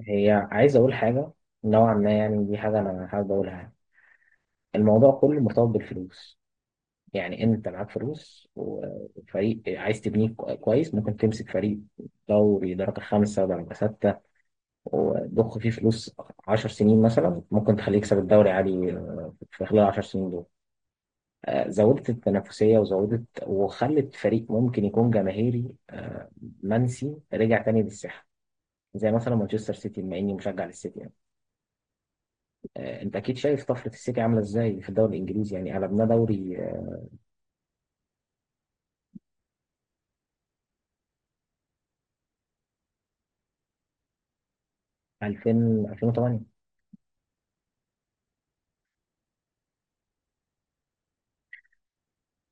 عايز أقول حاجة، نوعا ما. يعني دي حاجة أنا حابب أقولها. الموضوع كله مرتبط بالفلوس. يعني أنت معاك فلوس وفريق عايز تبنيه كويس، ممكن تمسك فريق دوري درجة خمسة درجة ستة، وتضخ فيه فلوس عشر سنين مثلا. ممكن تخليه يكسب الدوري عادي، في خلال العشر سنين دول زودت التنافسية، وزودت وخلت فريق ممكن يكون جماهيري منسي رجع تاني للساحة، زي مثلا مانشستر سيتي، بما إني مشجع للسيتي يعني. انت اكيد شايف طفره السيتي عامله ازاي في الدوري الانجليزي، يعني قلبناه دوري. 2000. 2008.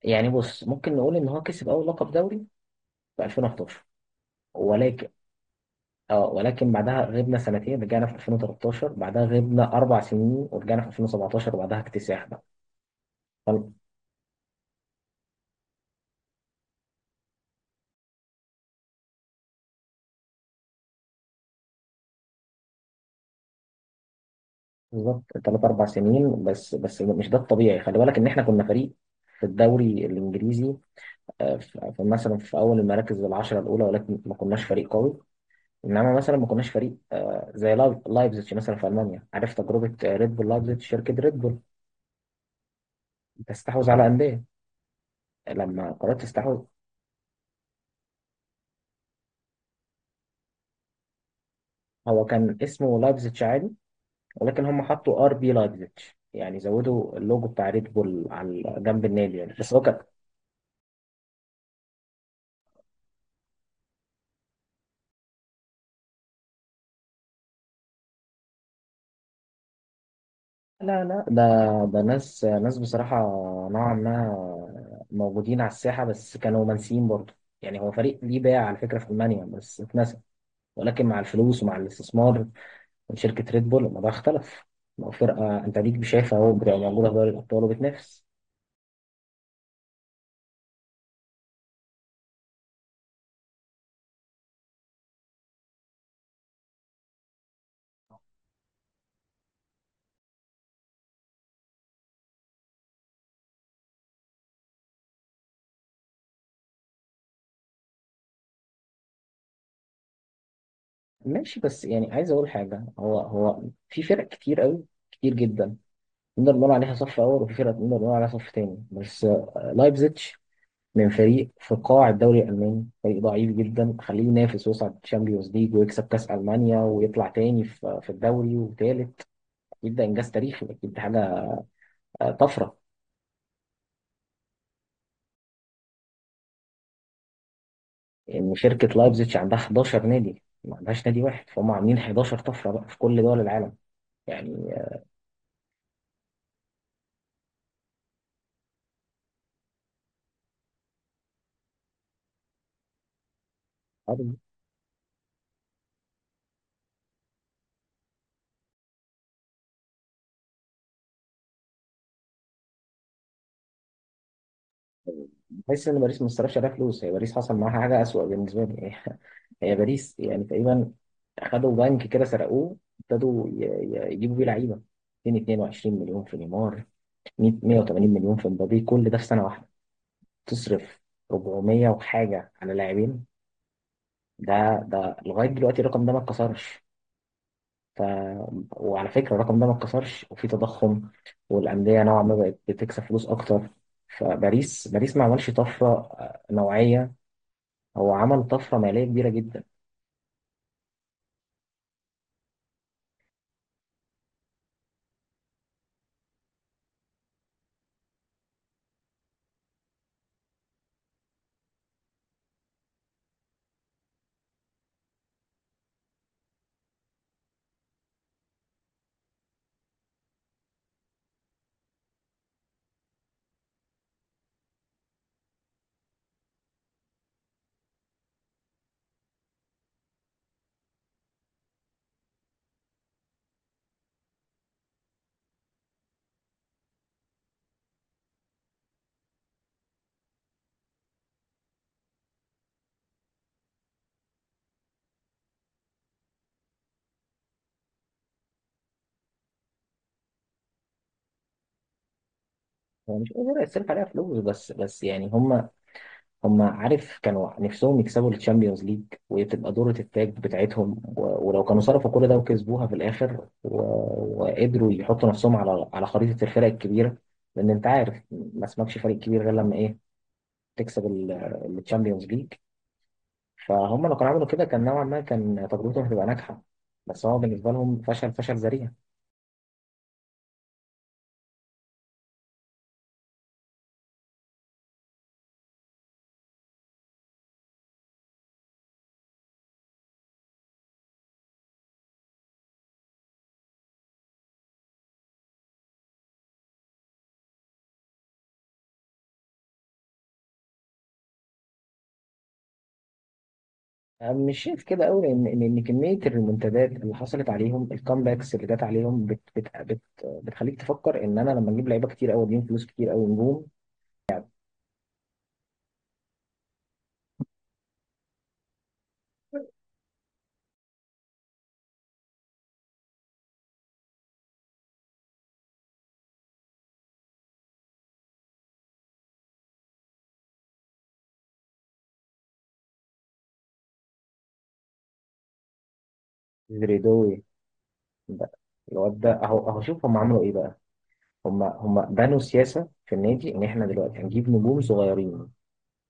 يعني بص، ممكن نقول ان هو كسب اول لقب دوري في 2011. ولكن اه، ولكن بعدها غبنا سنتين، رجعنا في 2013، بعدها غبنا اربع سنين، ورجعنا في 2017، وبعدها اكتساح بقى. فال- بالظبط ثلاث اربع سنين. بس بس مش ده الطبيعي، خلي بالك ان احنا كنا فريق في الدوري الانجليزي، مثلا في اول المراكز العشره الاولى، ولكن ما كناش فريق قوي. انما مثلا ما كناش فريق زي لايبزيتش مثلا في المانيا. عارف تجربه ريد بول لايبزيتش؟ شركه ريد بول تستحوذ على انديه. لما قررت تستحوذ، هو كان اسمه لايبزيتش عادي، ولكن هم حطوا ار بي لايبزيتش، يعني زودوا اللوجو بتاع ريد بول على جنب النادي يعني، بس هو كان. لا لا، ده ناس ناس بصراحه، نوعا ما موجودين على الساحه بس كانوا منسيين برضه. يعني هو فريق ليه باع على فكره في المانيا بس اتنسى، ولكن مع الفلوس ومع الاستثمار، شركة ريد بول، الموضوع اختلف. لو فرقة انت ليك شايفها اهو، بتبقى موجودة في دوري الأبطال وبتنافس. ماشي، بس يعني عايز أقول حاجة. هو في فرق كتير قوي، كتير جدا، نقدر نقول عليها صف أول، وفي فرق نقدر نقول عليها صف تاني. بس لايبزيتش، من فريق في قاع الدوري الألماني، فريق ضعيف جدا، خليه ينافس ويصعد تشامبيونز ليج، ويكسب كأس ألمانيا، ويطلع تاني في الدوري، وتالت يبدأ إنجاز تاريخي، أكيد دي حاجة، طفرة. ان شركه لايبزيتش عندها 11 نادي، ما عندهاش نادي واحد، فهم عاملين 11 طفره بقى في كل دول العالم يعني. آه، بحس ان باريس ما صرفش عليها فلوس، هي باريس حصل معاها حاجه اسوأ بالنسبه لي. هي باريس يعني تقريبا اخدوا بنك كده سرقوه، ابتدوا يجيبوا بيه لعيبه، 222 مليون في نيمار، 100، 180 مليون في مبابي، كل ده في سنه واحده. تصرف 400 وحاجه على لاعبين. ده لغايه دلوقتي الرقم ده ما اتكسرش. وعلى فكرة الرقم ده ما اتكسرش، وفي تضخم، والأندية نوعا ما بقت بتكسب فلوس أكتر. فباريس، باريس ما عملش طفرة نوعية، هو عمل طفرة مالية كبيرة جدا. هو مش قادر يصرف عليها فلوس. بس بس يعني هم، عارف، كانوا نفسهم يكسبوا الشامبيونز ليج، وتبقى دورة التاج بتاعتهم. ولو كانوا صرفوا كل ده وكسبوها في الآخر، وقدروا يحطوا نفسهم على خريطة الفرق الكبيرة. لأن أنت عارف، ما اسمكش فريق كبير غير لما إيه؟ تكسب الشامبيونز ليج. فهم لو كانوا عملوا كده، كان نوعا ما كان تجربتهم هتبقى ناجحه، بس هو بالنسبه لهم فشل، فشل ذريع. مش شايف كده قوي، لان ان إن كميه الريمونتادات اللي حصلت عليهم، الكامباكس اللي جت عليهم، بت بت بت بتخليك تفكر ان انا لما اجيب لعيبه كتير قوي، اديهم فلوس كتير قوي، نجوم. زريدوي ده، الواد ده اهو اهو، شوف هم عملوا ايه بقى. هم بنوا سياسه في النادي، ان احنا دلوقتي هنجيب نجوم صغيرين،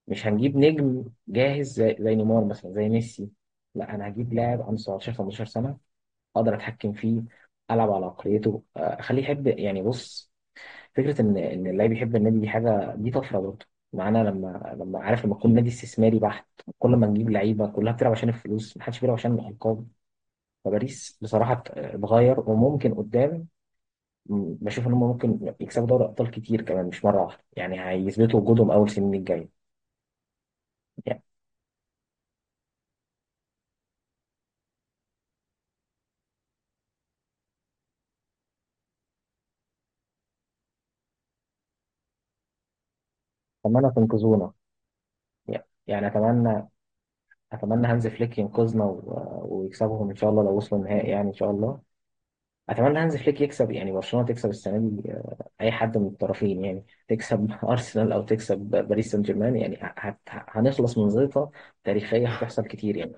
مش هنجيب نجم جاهز زي نيمار مثلا، زي ميسي. لا، انا هجيب لاعب عنده 17، 15 سنه، اقدر اتحكم فيه، العب على عقليته، اخليه يحب. يعني بص، فكره ان اللاعب يحب النادي، دي حاجه، دي طفره برضه معانا. لما عارف، لما يكون نادي استثماري بحت، كل ما نجيب لعيبه كلها بتلعب عشان الفلوس، محدش بيلعب عشان الالقاب. فباريس بصراحه اتغير، وممكن قدام بشوف ان هم ممكن يكسبوا دوري ابطال كتير كمان، مش مره واحده يعني، هيثبتوا وجودهم اول سنين الجايه. يعني اتمنى تنقذونا. يعني يعني اتمنى، اتمنى هانز فليك ينقذنا ويكسبهم ان شاء الله. لو وصلوا النهائي يعني، ان شاء الله. اتمنى هانز فليك يكسب، يعني برشلونه تكسب السنه دي. اي حد من الطرفين يعني، تكسب ارسنال او تكسب باريس سان جيرمان، يعني هنخلص من زيطه تاريخيه هتحصل كتير يعني.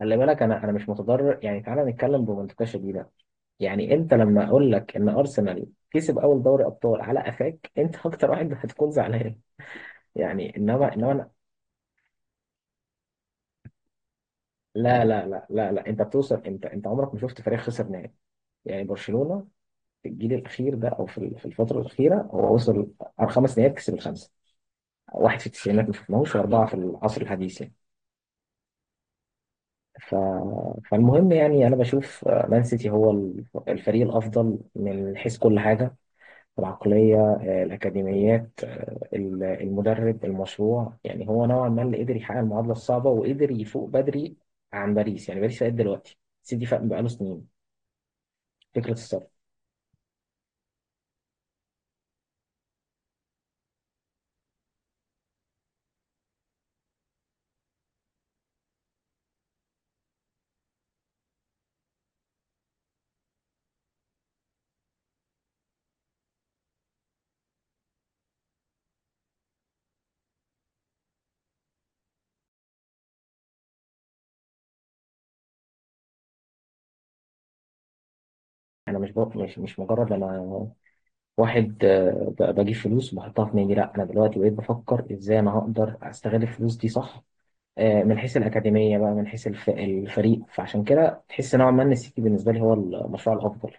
خلي بالك، انا مش متضرر يعني. تعالى نتكلم بمنطقه شديده. يعني انت لما اقول لك ان ارسنال كسب اول دوري ابطال، على قفاك انت اكتر واحد هتكون زعلان يعني. انما لا لا لا لا لا، انت بتوصل، انت عمرك ما شفت فريق خسر نهائي يعني. برشلونه في الجيل الاخير ده، او في في الفتره الاخيره، هو وصل على خمس نهائيات، كسب الخمسه. واحد في التسعينات ما شفناهوش، واربعه في العصر الحديث يعني. ف... فالمهم يعني، انا بشوف مان سيتي هو الفريق الافضل من حيث كل حاجه، العقليه، الاكاديميات، المدرب، المشروع. يعني هو نوعا ما اللي قدر يحقق المعادله الصعبه، وقدر يفوق بدري عن باريس. يعني باريس فاق دلوقتي، سيتي فاق بقاله سنين، فكره الصرف. مش مجرد انا واحد بجيب فلوس وبحطها في نادي. لا، انا دلوقتي بقيت بفكر ازاي انا هقدر استغل الفلوس دي صح، من حيث الاكاديميه بقى، من حيث الفريق. فعشان كده تحس نوعا ما ان السيتي بالنسبه لي هو المشروع الافضل.